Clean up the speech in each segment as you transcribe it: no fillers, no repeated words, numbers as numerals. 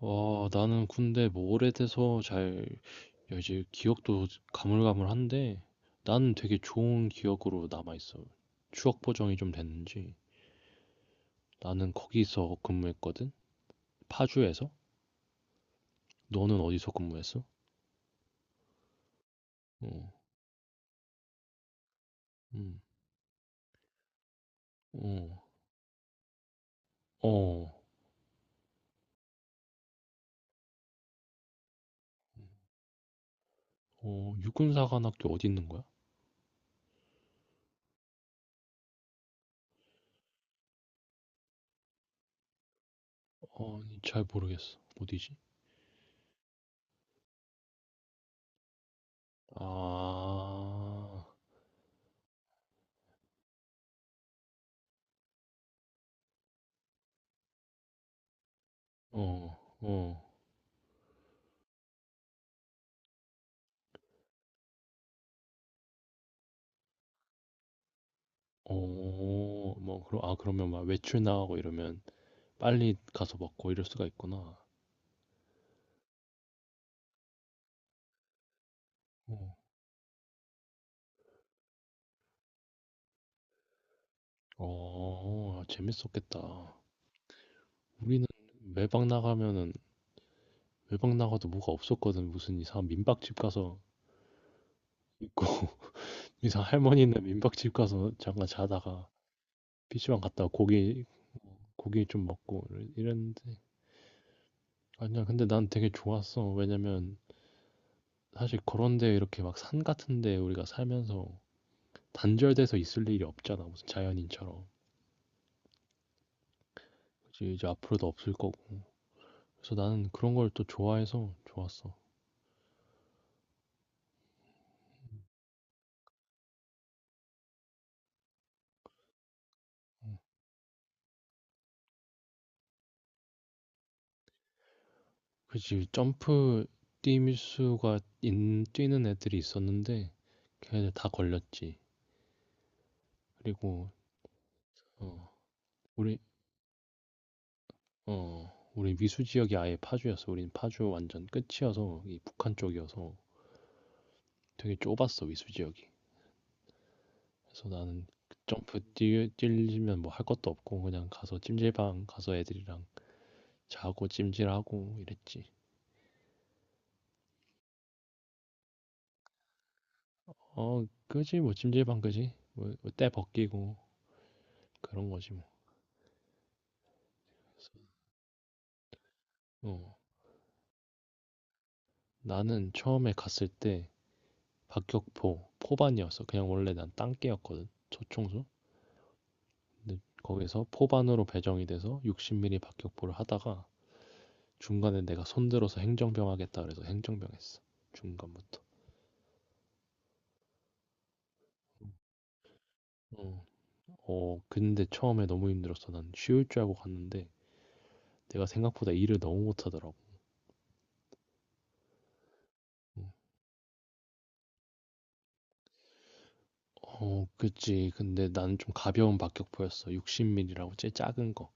와, 나는 근데 뭐 오래돼서 야, 이제 기억도 가물가물한데, 나는 되게 좋은 기억으로 남아있어. 추억 보정이 좀 됐는지. 나는 거기서 근무했거든? 파주에서? 너는 어디서 근무했어? 어, 음, 어, 어, 어, 육군사관학교 어디 있는 거야? 어, 잘 모르겠어. 어디지? 아, 어, 어, 어, 뭐, 아, 그러면 막 외출 나가고 이러면 빨리 가서 먹고 이럴 수가 있구나. 어, 어, 재밌었겠다. 우리는 외박 나가면은 외박 나가도 뭐가 없었거든. 무슨 이상한 민박집 가서 있고 이상 한 할머니네 민박집 가서 잠깐 자다가 PC방 갔다가 고기 좀 먹고 이랬는데 아니야. 근데 난 되게 좋았어. 왜냐면 사실 그런데 이렇게 막 산 같은데 우리가 살면서 단절돼서 있을 일이 없잖아. 무슨 자연인처럼. 그치, 이제 앞으로도 없을 거고. 그래서 나는 그런 걸 또 좋아해서 좋았어. 그치, 점프 뛰는 애들이 있었는데 걔네들 다 걸렸지. 그리고 어, 우리 우리 미수 지역이 아예 파주였어. 우린 파주 완전 끝이어서 이 북한 쪽이어서 되게 좁았어 미수 지역이. 그래서 나는 그 점프 뛰면 뭐 할 것도 없고 그냥 가서 찜질방 가서 애들이랑 자고 찜질하고 이랬지. 어, 그지 뭐 찜질방 그지 뭐 뭐 때 벗기고 그런 거지 뭐. 어, 나는 처음에 갔을 때 박격포 포반이었어. 그냥 원래 난 땅개였거든. 초청소. 근데 거기서 포반으로 배정이 돼서 60mm 박격포를 하다가 중간에 내가 손들어서 행정병 하겠다 그래서 행정병 했어. 중간부터. 어, 어, 근데 처음에 너무 힘들었어. 난 쉬울 줄 알고 갔는데 내가 생각보다 일을 너무 못하더라고. 어, 어, 그치. 근데 난 좀 가벼운 박격포였어. 60mm라고 제일 작은 거.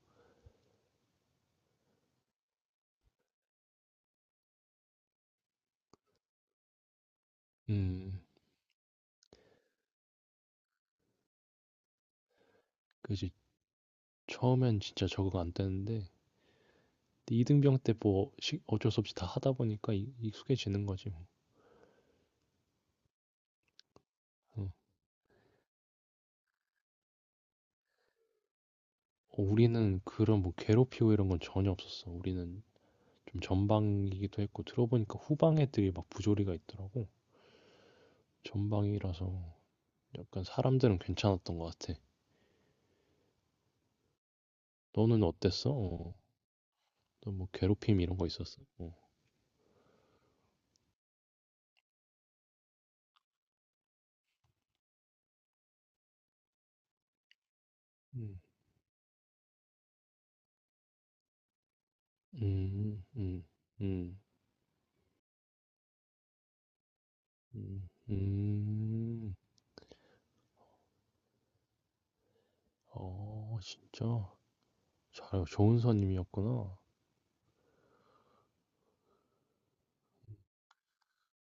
음, 그치. 처음엔 진짜 적응 안 되는데 2등병 때 뭐 어쩔 수 없이 다 하다 보니까 익 익숙해지는 거지 뭐. 어. 어 우리는 그런 뭐 괴롭히고 이런 건 전혀 없었어. 우리는 좀 전방이기도 했고 들어보니까 후방 애들이 막 부조리가 있더라고. 전방이라서 약간 사람들은 괜찮았던 것 같아. 너는 어땠어? 어. 너뭐 괴롭힘 이런 거 있었어? 어. 음. 음. 음. 음. 음. 음. 어 진짜 잘 좋은 선임이었구나.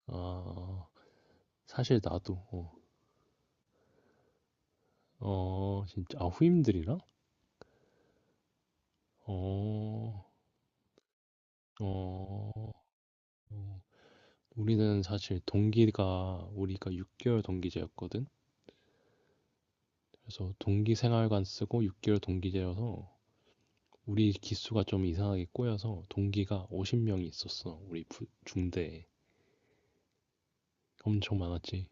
아, 사실 나도, 어, 어, 진짜, 아, 후임들이랑? 어, 어, 어. 우리는 사실 동기가, 우리가 6개월 동기제였거든? 그래서 동기 생활관 쓰고 6개월 동기제여서 우리 기수가 좀 이상하게 꼬여서 동기가 50명이 있었어. 우리 중대에. 엄청 많았지.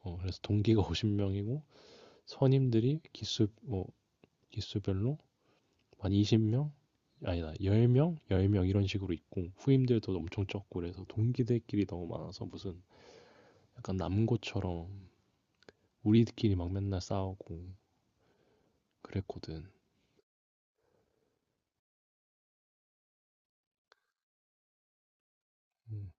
어, 그래서 동기가 50명이고 선임들이 기수, 뭐, 기수별로 한 20명? 아니다, 10명? 10명 이런 식으로 있고, 후임들도 엄청 적고, 그래서 동기들끼리 너무 많아서 무슨 약간 남고처럼 우리끼리 막 맨날 싸우고 그랬거든. 음,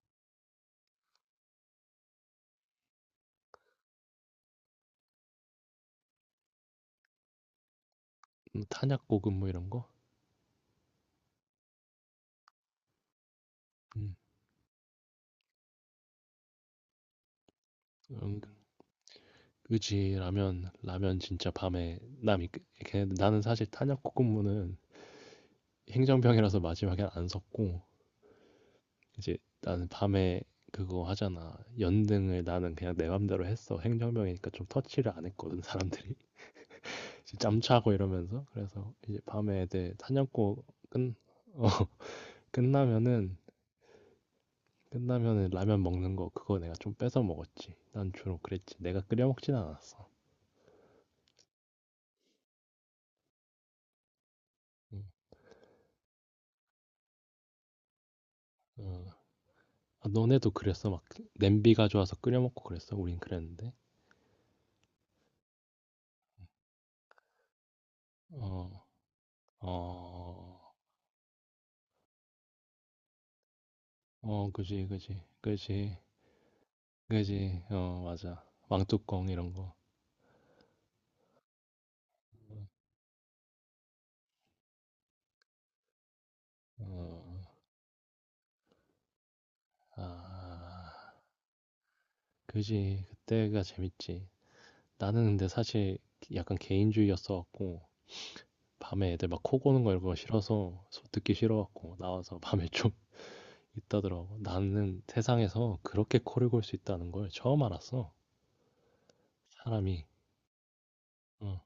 탄약고급 뭐 이런 거? 음, 음, 그지, 라면 진짜 밤에, 남이, 걔네들, 나는 사실 탄약고 근무는 행정병이라서 마지막엔 안 섰고, 이제 나는 밤에 그거 하잖아. 연등을 나는 그냥 내 맘대로 했어. 행정병이니까 좀 터치를 안 했거든, 사람들이. 이제 짬차고 이러면서 그래서 이제 밤에 애들 사냥고 끝 어, 끝나면은 끝나면은 라면 먹는 거 그거 내가 좀 뺏어 먹었지. 난 주로 그랬지. 내가 끓여 먹진 않았어. 응. 어. 아, 너네도 그랬어? 막 냄비 가져와서 끓여 먹고 그랬어? 우린 그랬는데. 어, 어, 어, 어, 그지, 그지, 그지, 그지. 어, 맞아. 왕뚜껑 이런 거. 어, 아, 그지. 그때가 재밌지. 나는 근데 사실 약간 개인주의였어갖고 밤에 애들 막 코 고는 거 이런 거 싫어서 듣기 싫어갖고 나와서 밤에 좀 있다더라고. 나는 세상에서 그렇게 코를 골 수 있다는 걸 처음 알았어. 사람이 어,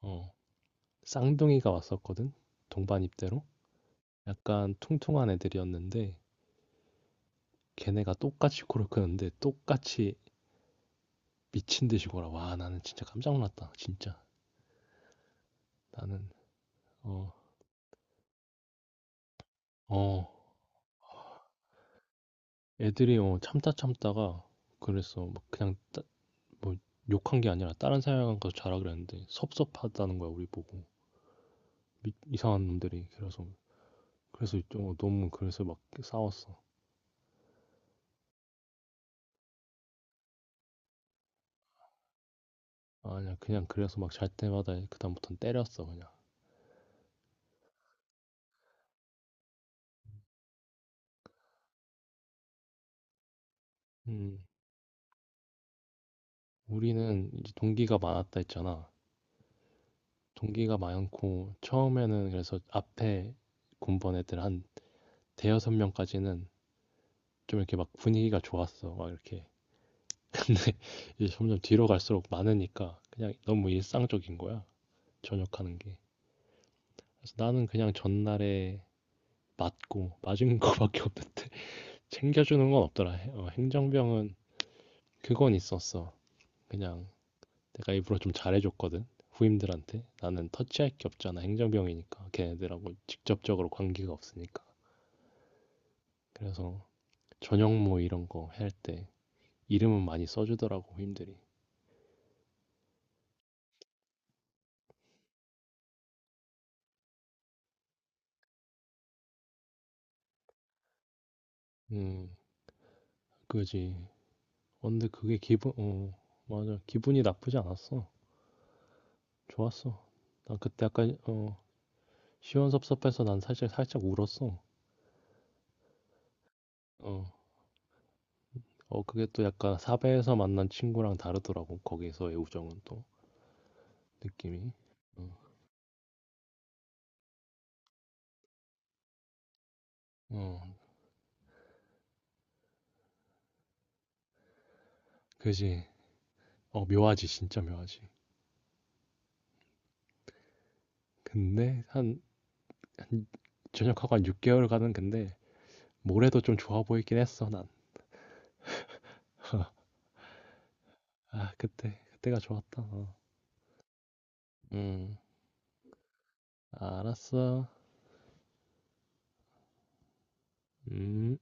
어. 쌍둥이가 왔었거든. 동반 입대로. 약간 퉁퉁한 애들이었는데 걔네가 똑같이 코를 크는데 똑같이 미친 듯이 골아. 와, 나는 진짜 깜짝 놀랐다. 진짜. 나는 어, 어. 애들이 어, 참다 참다가 그래서 막 그냥 뭐 욕한 게 아니라 다른 사람 가서 자라 그랬는데 섭섭하다는 거야 우리 보고. 이상한 놈들이. 그래서 그래서 좀 너무 그래서 막 싸웠어. 아니야. 그냥 그래서 막 잘 때마다 그다음부터는 때렸어 그냥. 음. 우리는 이제 동기가 많았다 했잖아. 동기가 많고 처음에는 그래서 앞에 군번 애들 한 대여섯 명까지는 좀 이렇게 막 분위기가 좋았어 막 이렇게 근데 이제 점점 뒤로 갈수록 많으니까 그냥 너무 일상적인 거야. 전역하는 게. 그래서 나는 그냥 전날에 맞고 맞은 거밖에 없는데 챙겨주는 건 없더라. 행정병은 그건 있었어. 그냥 내가 일부러 좀 잘해줬거든. 후임들한테 나는 터치할 게 없잖아. 행정병이니까 걔네들하고 직접적으로 관계가 없으니까. 그래서 저녁 뭐 이런 거 할 때 이름은 많이 써주더라고 후임들이. 음, 그지. 어, 근데 그게 어, 맞아. 기분이 나쁘지 않았어. 좋았어. 난 그때 약간 시원섭섭해서 난 살짝 살짝 울었어. 어, 어, 그게 또 약간 사배에서 만난 친구랑 다르더라고. 거기서의 우정은 또 느낌이. 어, 어, 그지. 어, 묘하지. 진짜 묘하지. 근데 한 전역하고 한 6개월 가는 근데 모래도 좀 좋아 보이긴 했어, 난. 아, 그때가 좋았다. 어. 음, 알았어. 음.